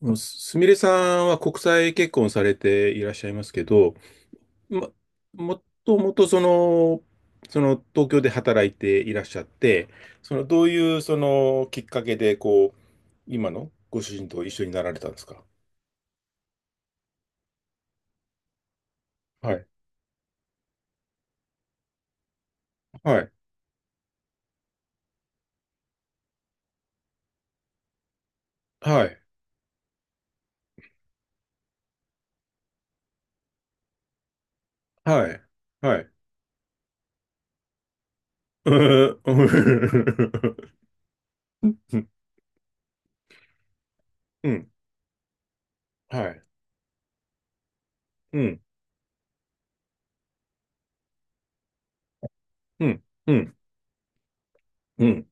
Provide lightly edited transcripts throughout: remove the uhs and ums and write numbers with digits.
すみれさんは国際結婚されていらっしゃいますけど、ま、もともとその東京で働いていらっしゃって、どういうきっかけで今のご主人と一緒になられたんですか？はい。はい。はい。はい。はい。うーん。うん。はい。うん。うん。うん。うん。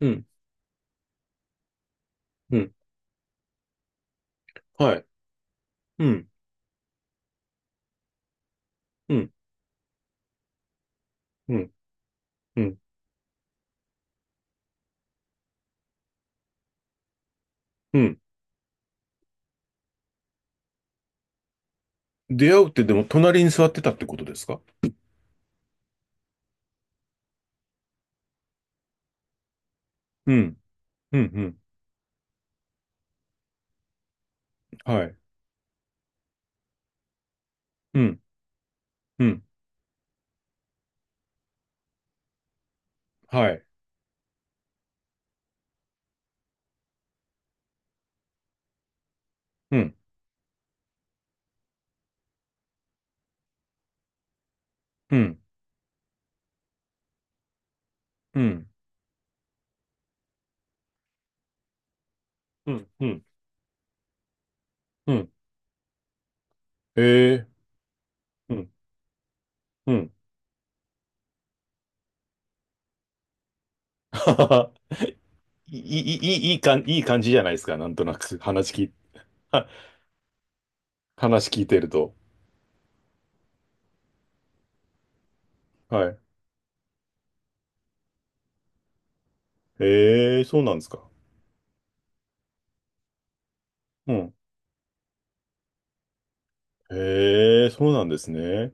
うん。うん。はい。うん。うん。うん。うん。うん。出会うってでも隣に座ってたってことですか？うん、うん、うん、はい、うん、うん、はい、うん、うん、うん、うん、うん、うん、ええ、うん、うん。はははいい、いい、いいかん、いい感じじゃないですか、なんとなく、話聞い、は話聞いてると。はい。ええ、そうなんですか。うん。ええ、そうなんですね。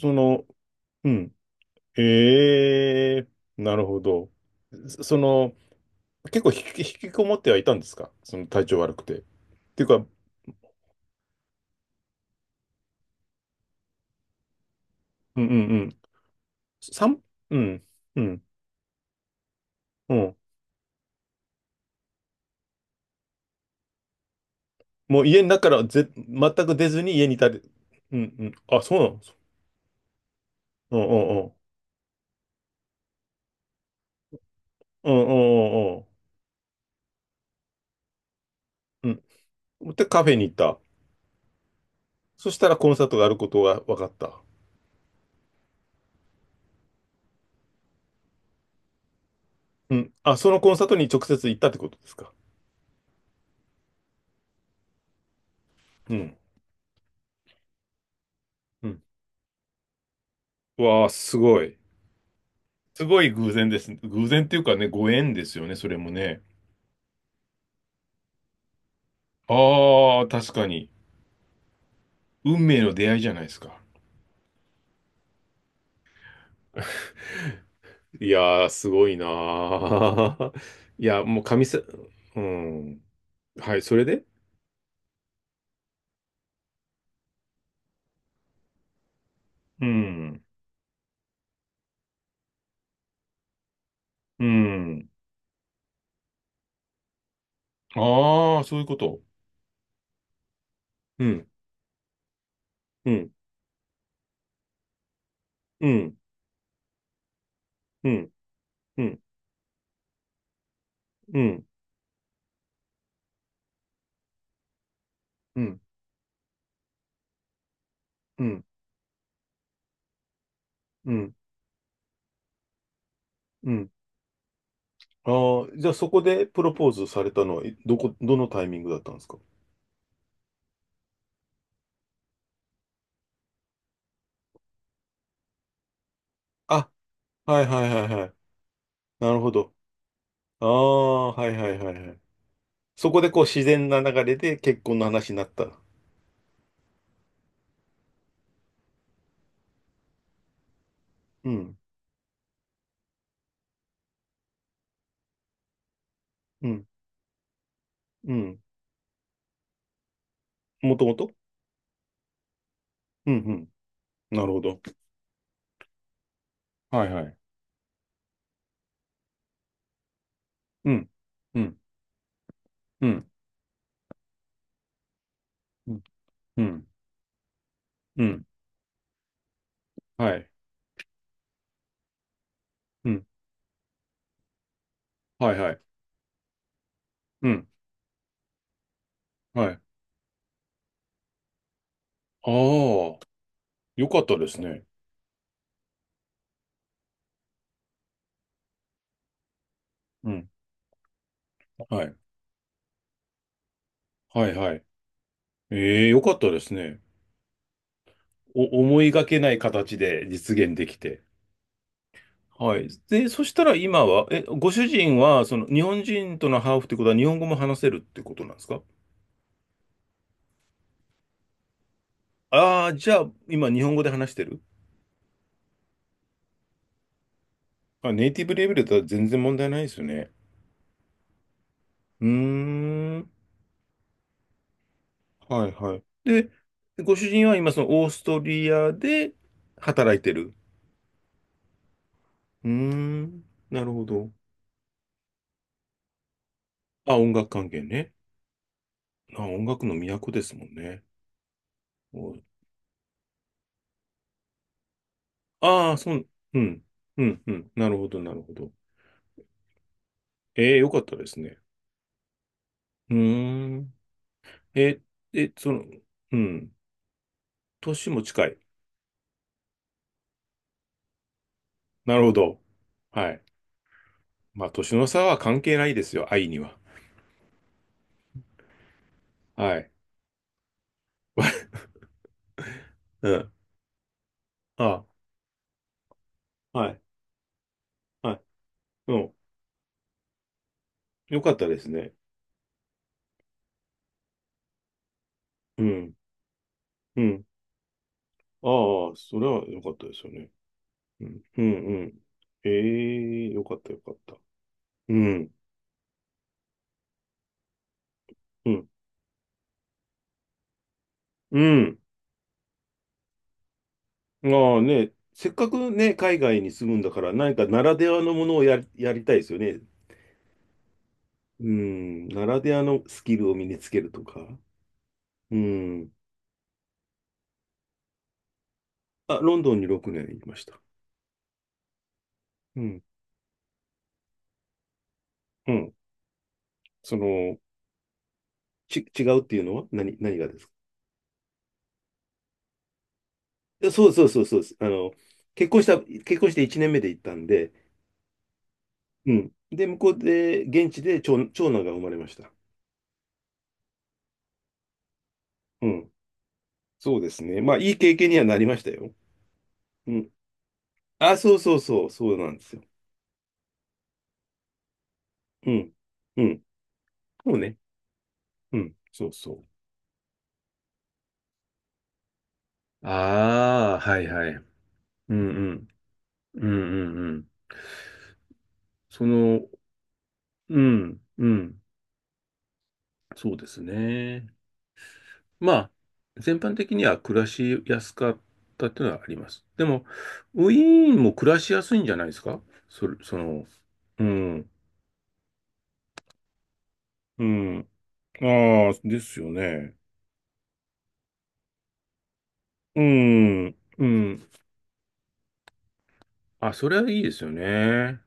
その、うん。ええ、なるほど。そその、結構引きこもってはいたんですか、その体調悪くて。っていうか、うんうんうん。三うん、うん、うん。もう家の中から全く出ずに家にいたり、うん、うん。あ、そうなの。うんうんうん。うんうんうんうん。うん。で、カフェに行った。そしたらコンサートがあることが分かった。うん。あ、そのコンサートに直接行ったってことですか。うん。うん。わあ、すごい。すごい偶然ですね。偶然っていうかね、ご縁ですよね、それもね。ああ、確かに。運命の出会いじゃないですか。いやー、すごいなー。いや、もううん。はい、それで。うん。うん。ああ、そういうこと。うん、うん、うん、うん、うん、うん、うん、うん、うん、うん。ああ、じゃあそこでプロポーズされたのは、えどこ、どのタイミングだったんですか？あ、はいはいはいはい。なるほど。ああ、はいはいはいはい。そこでこう自然な流れで結婚の話になった。うん、うん、うん。もともと。うん、うん。なるほど。はいはい。うん。うん。うん。うん。うん。うん。はい。うん。はいはい。うん。はい。ああ、よかったですね。うん。はい。はいはい。ええ、よかったですね。思いがけない形で実現できて。はい。で、そしたら今は、ご主人は、日本人とのハーフってことは日本語も話せるってことなんですか？ああー、じゃあ、今日本語で話してる？あ、ネイティブレベルだったら全然問題ないですよね。うーん。はいはい。で、ご主人は今そのオーストリアで働いてる。うーん、なるほど。あ、音楽関係ね。あ、音楽の都ですもんね。おああ、うん、うん、うん。なるほど、なるほど。ええ、よかったですね。うーん。え、え、その、うん。年も近い？なるほど。はい。まあ、年の差は関係ないですよ、愛には。はい。うん。あ、はい、はい。うん。よかったですね。うん。うん。ああ、それは良かったですよね。うん、うん、うん。ええ、良かった良かった。うん、うん、うん。まあね、せっかくね、海外に住むんだから、何かならではのものをやりたいですよね。うん、ならではのスキルを身につけるとか。うん。あ、ロンドンに6年いました。うん、うん。その、違うっていうのは何がですか？いやそうそうそうそうです。結婚して1年目で行ったんで、うん。で、向こうで、現地で長男が生まれました。うん。そうですね。まあ、いい経験にはなりましたよ。うん。あ、そうそうそう、そうなんですよ。うん。うん。そうね。うん。そうそう。ああ、はいはい。うんうん。うんうんうん。その、うん、うん。そうですね。まあ、全般的には暮らしやすかったっていうのはあります。でも、ウィーンも暮らしやすいんじゃないですか？それ、その、うん、うん。ああ、ですよね。うん、うん。あ、それはいいですよね。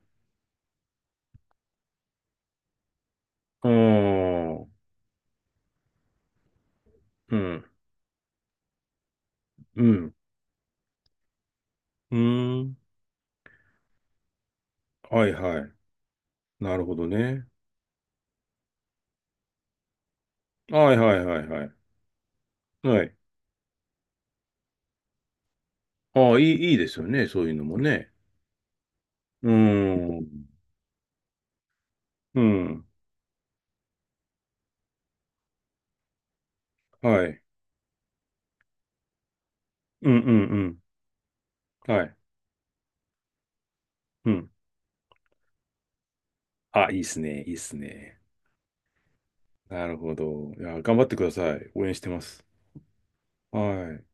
うん、うん、うん、うん。はいはい。なるほどね。はいはいはいはい。はい。ああ、いいですよね。そういうのもね。うん、うん、はい。うん、うん、うん。はい。うん。あ、いいっすね。いいっすね。なるほど。いや、頑張ってください。応援してます。はい。